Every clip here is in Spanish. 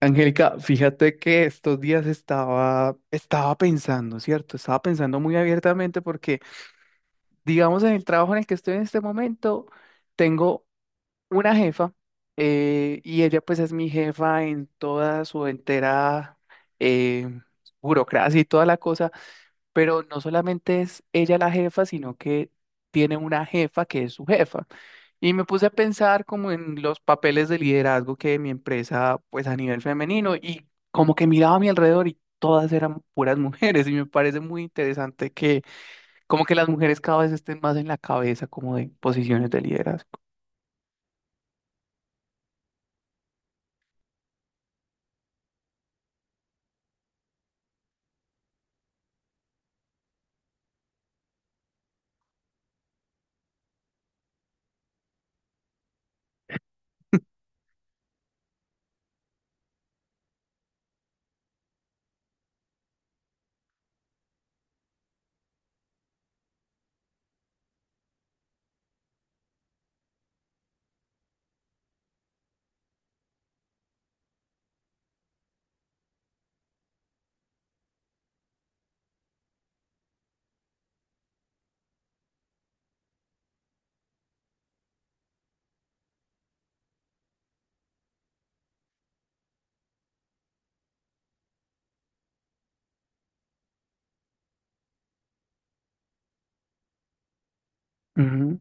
Angélica, fíjate que estos días estaba pensando, ¿cierto? Estaba pensando muy abiertamente porque, digamos, en el trabajo en el que estoy en este momento, tengo una jefa y ella pues es mi jefa en toda su entera eh, burocracia y toda la cosa, pero no solamente es ella la jefa, sino que tiene una jefa que es su jefa. Y me puse a pensar como en los papeles de liderazgo que mi empresa, pues a nivel femenino, y como que miraba a mi alrededor y todas eran puras mujeres, y me parece muy interesante que como que las mujeres cada vez estén más en la cabeza como de posiciones de liderazgo. Ujú.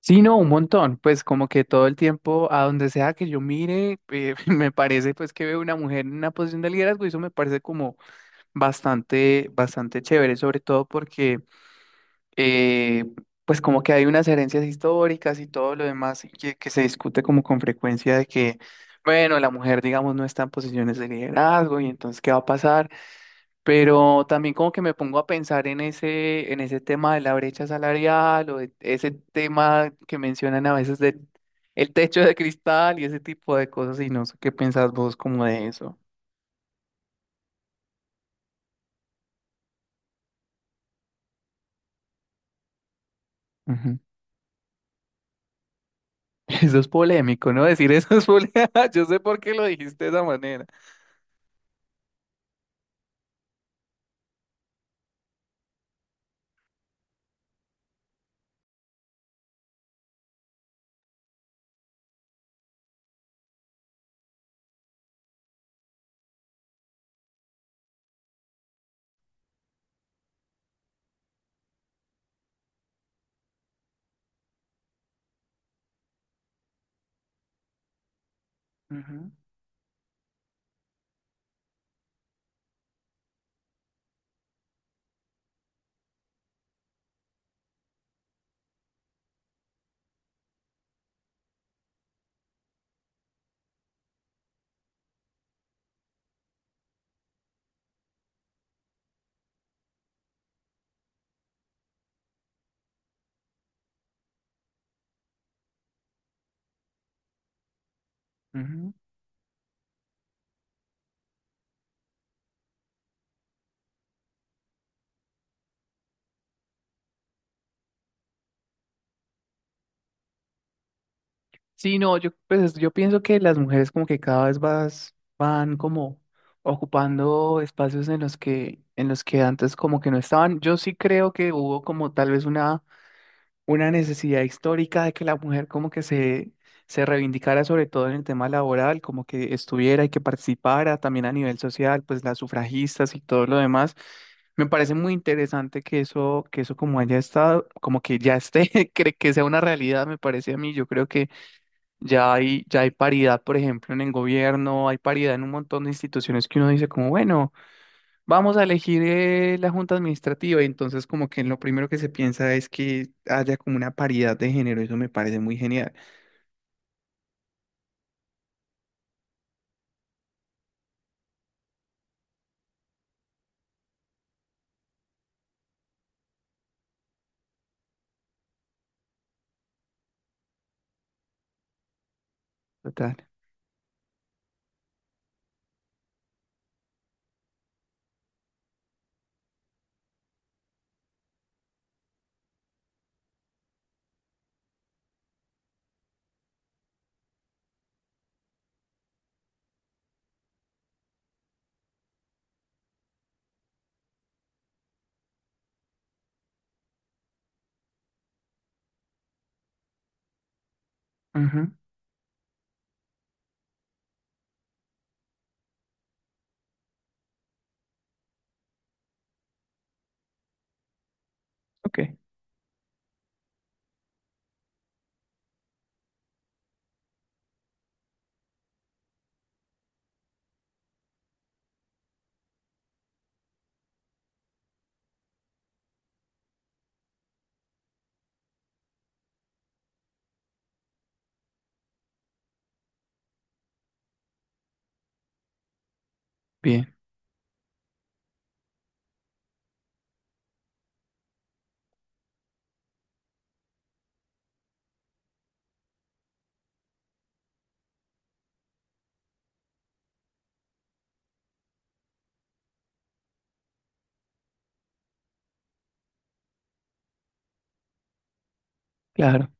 Sí, no, un montón, pues como que todo el tiempo, a donde sea que yo mire, me parece pues que veo una mujer en una posición de liderazgo y eso me parece como bastante, bastante chévere, sobre todo porque eh, pues como que hay unas herencias históricas y todo lo demás que se discute como con frecuencia de que, bueno, la mujer, digamos, no está en posiciones de liderazgo y entonces, ¿qué va a pasar? Pero también como que me pongo a pensar en ese tema de la brecha salarial o de ese tema que mencionan a veces del el techo de cristal y ese tipo de cosas y no sé qué pensás vos como de eso. Ujú. Eso es polémico, ¿no? Decir eso es polémico. Yo sé por qué lo dijiste de esa manera. Ujú, ujú. Sí, no, yo, pues, yo pienso que las mujeres como que cada vez vas, van como ocupando espacios en los que antes como que no estaban. Yo sí creo que hubo como tal vez una necesidad histórica de que la mujer como que se reivindicara sobre todo en el tema laboral, como que estuviera y que participara también a nivel social, pues las sufragistas y todo lo demás. Me parece muy interesante que eso como haya estado, como que ya esté, que sea una realidad, me parece a mí. Yo creo que ya hay paridad, por ejemplo, en el gobierno, hay paridad en un montón de instituciones que uno dice como, bueno, vamos a elegir la junta administrativa. Y entonces como que lo primero que se piensa es que haya como una paridad de género. Eso me parece muy genial. Total. Ujú. Ok. Bien. Claro.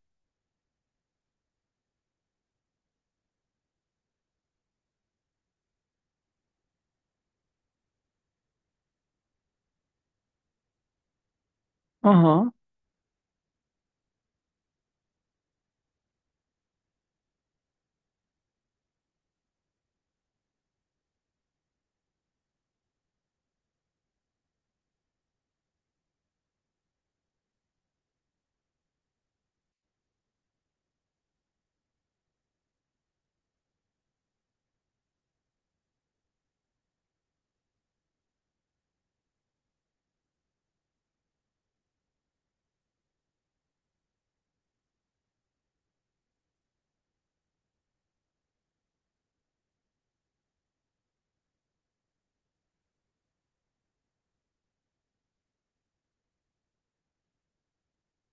Ajá.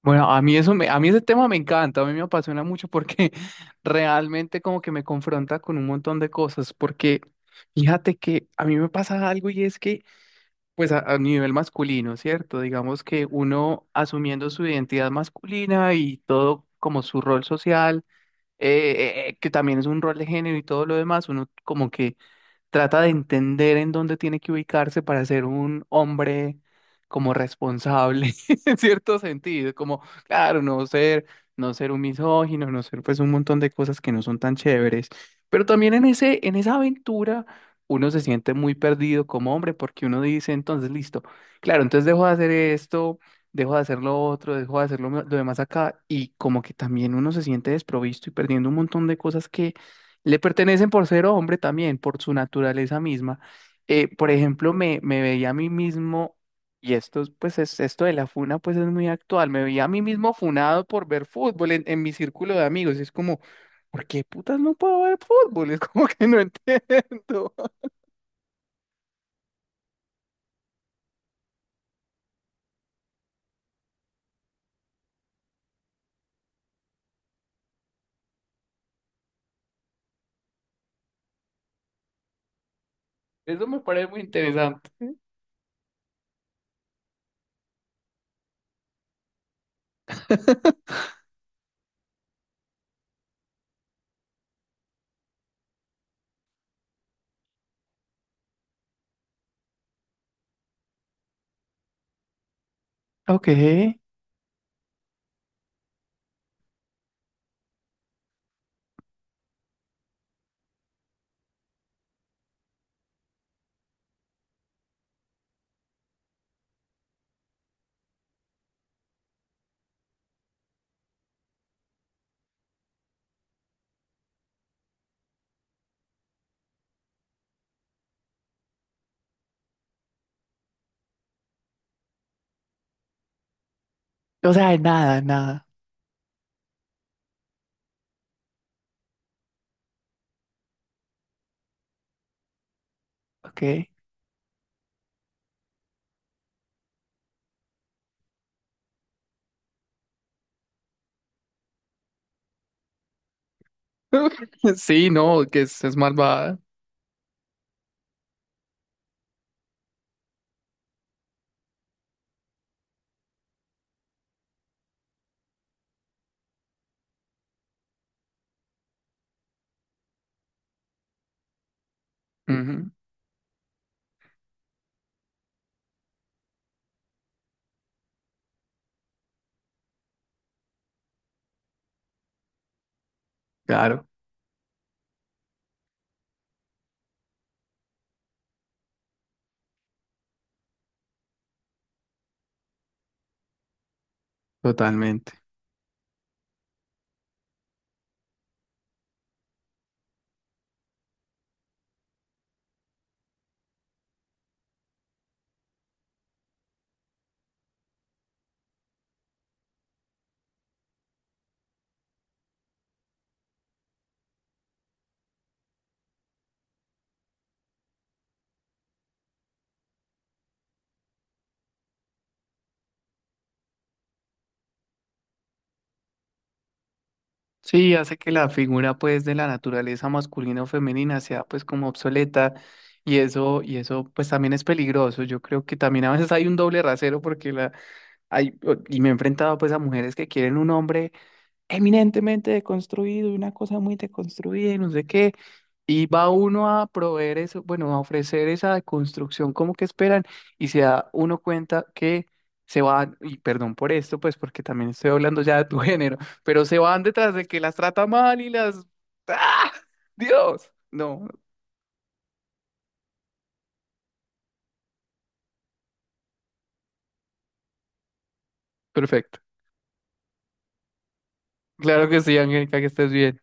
Bueno, a mí eso me, a mí ese tema me encanta, a mí me apasiona mucho porque realmente como que me confronta con un montón de cosas, porque fíjate que a mí me pasa algo y es que pues a nivel masculino, ¿cierto? Digamos que uno asumiendo su identidad masculina y todo como su rol social, eh, que también es un rol de género y todo lo demás, uno como que trata de entender en dónde tiene que ubicarse para ser un hombre como responsable, en cierto sentido, como, claro, no ser un misógino, no ser pues un montón de cosas que no son tan chéveres, pero también en esa aventura uno se siente muy perdido como hombre porque uno dice, entonces, listo, claro, entonces dejo de hacer esto. Dejo de hacer lo otro, dejo de hacer lo demás acá y como que también uno se siente desprovisto y perdiendo un montón de cosas le pertenecen por ser hombre también, por su naturaleza misma. Por ejemplo, me veía a mí mismo, y esto de la funa pues es muy actual, me veía a mí mismo funado por ver fútbol en mi círculo de amigos. Es como, ¿por qué putas no puedo ver fútbol? Es como que no entiendo. Eso me parece muy interesante. Ok, o sea, nada, nada, ok. Sí, no, que es malvada. Ujú. Claro, totalmente. Sí, hace que la figura pues de la naturaleza masculina o femenina sea pues como obsoleta y eso pues también es peligroso. Yo creo que también a veces hay un doble rasero porque la hay y me he enfrentado pues a mujeres que quieren un hombre eminentemente deconstruido y una cosa muy deconstruida y no sé qué. Y va uno a proveer eso, bueno, a ofrecer esa deconstrucción como que esperan y se da uno cuenta que se van, y perdón por esto, pues porque también estoy hablando ya de tu género, pero se van detrás de que las trata mal y las... ¡Ah! Dios. No, perfecto. Claro que sí, Angélica, que estés bien.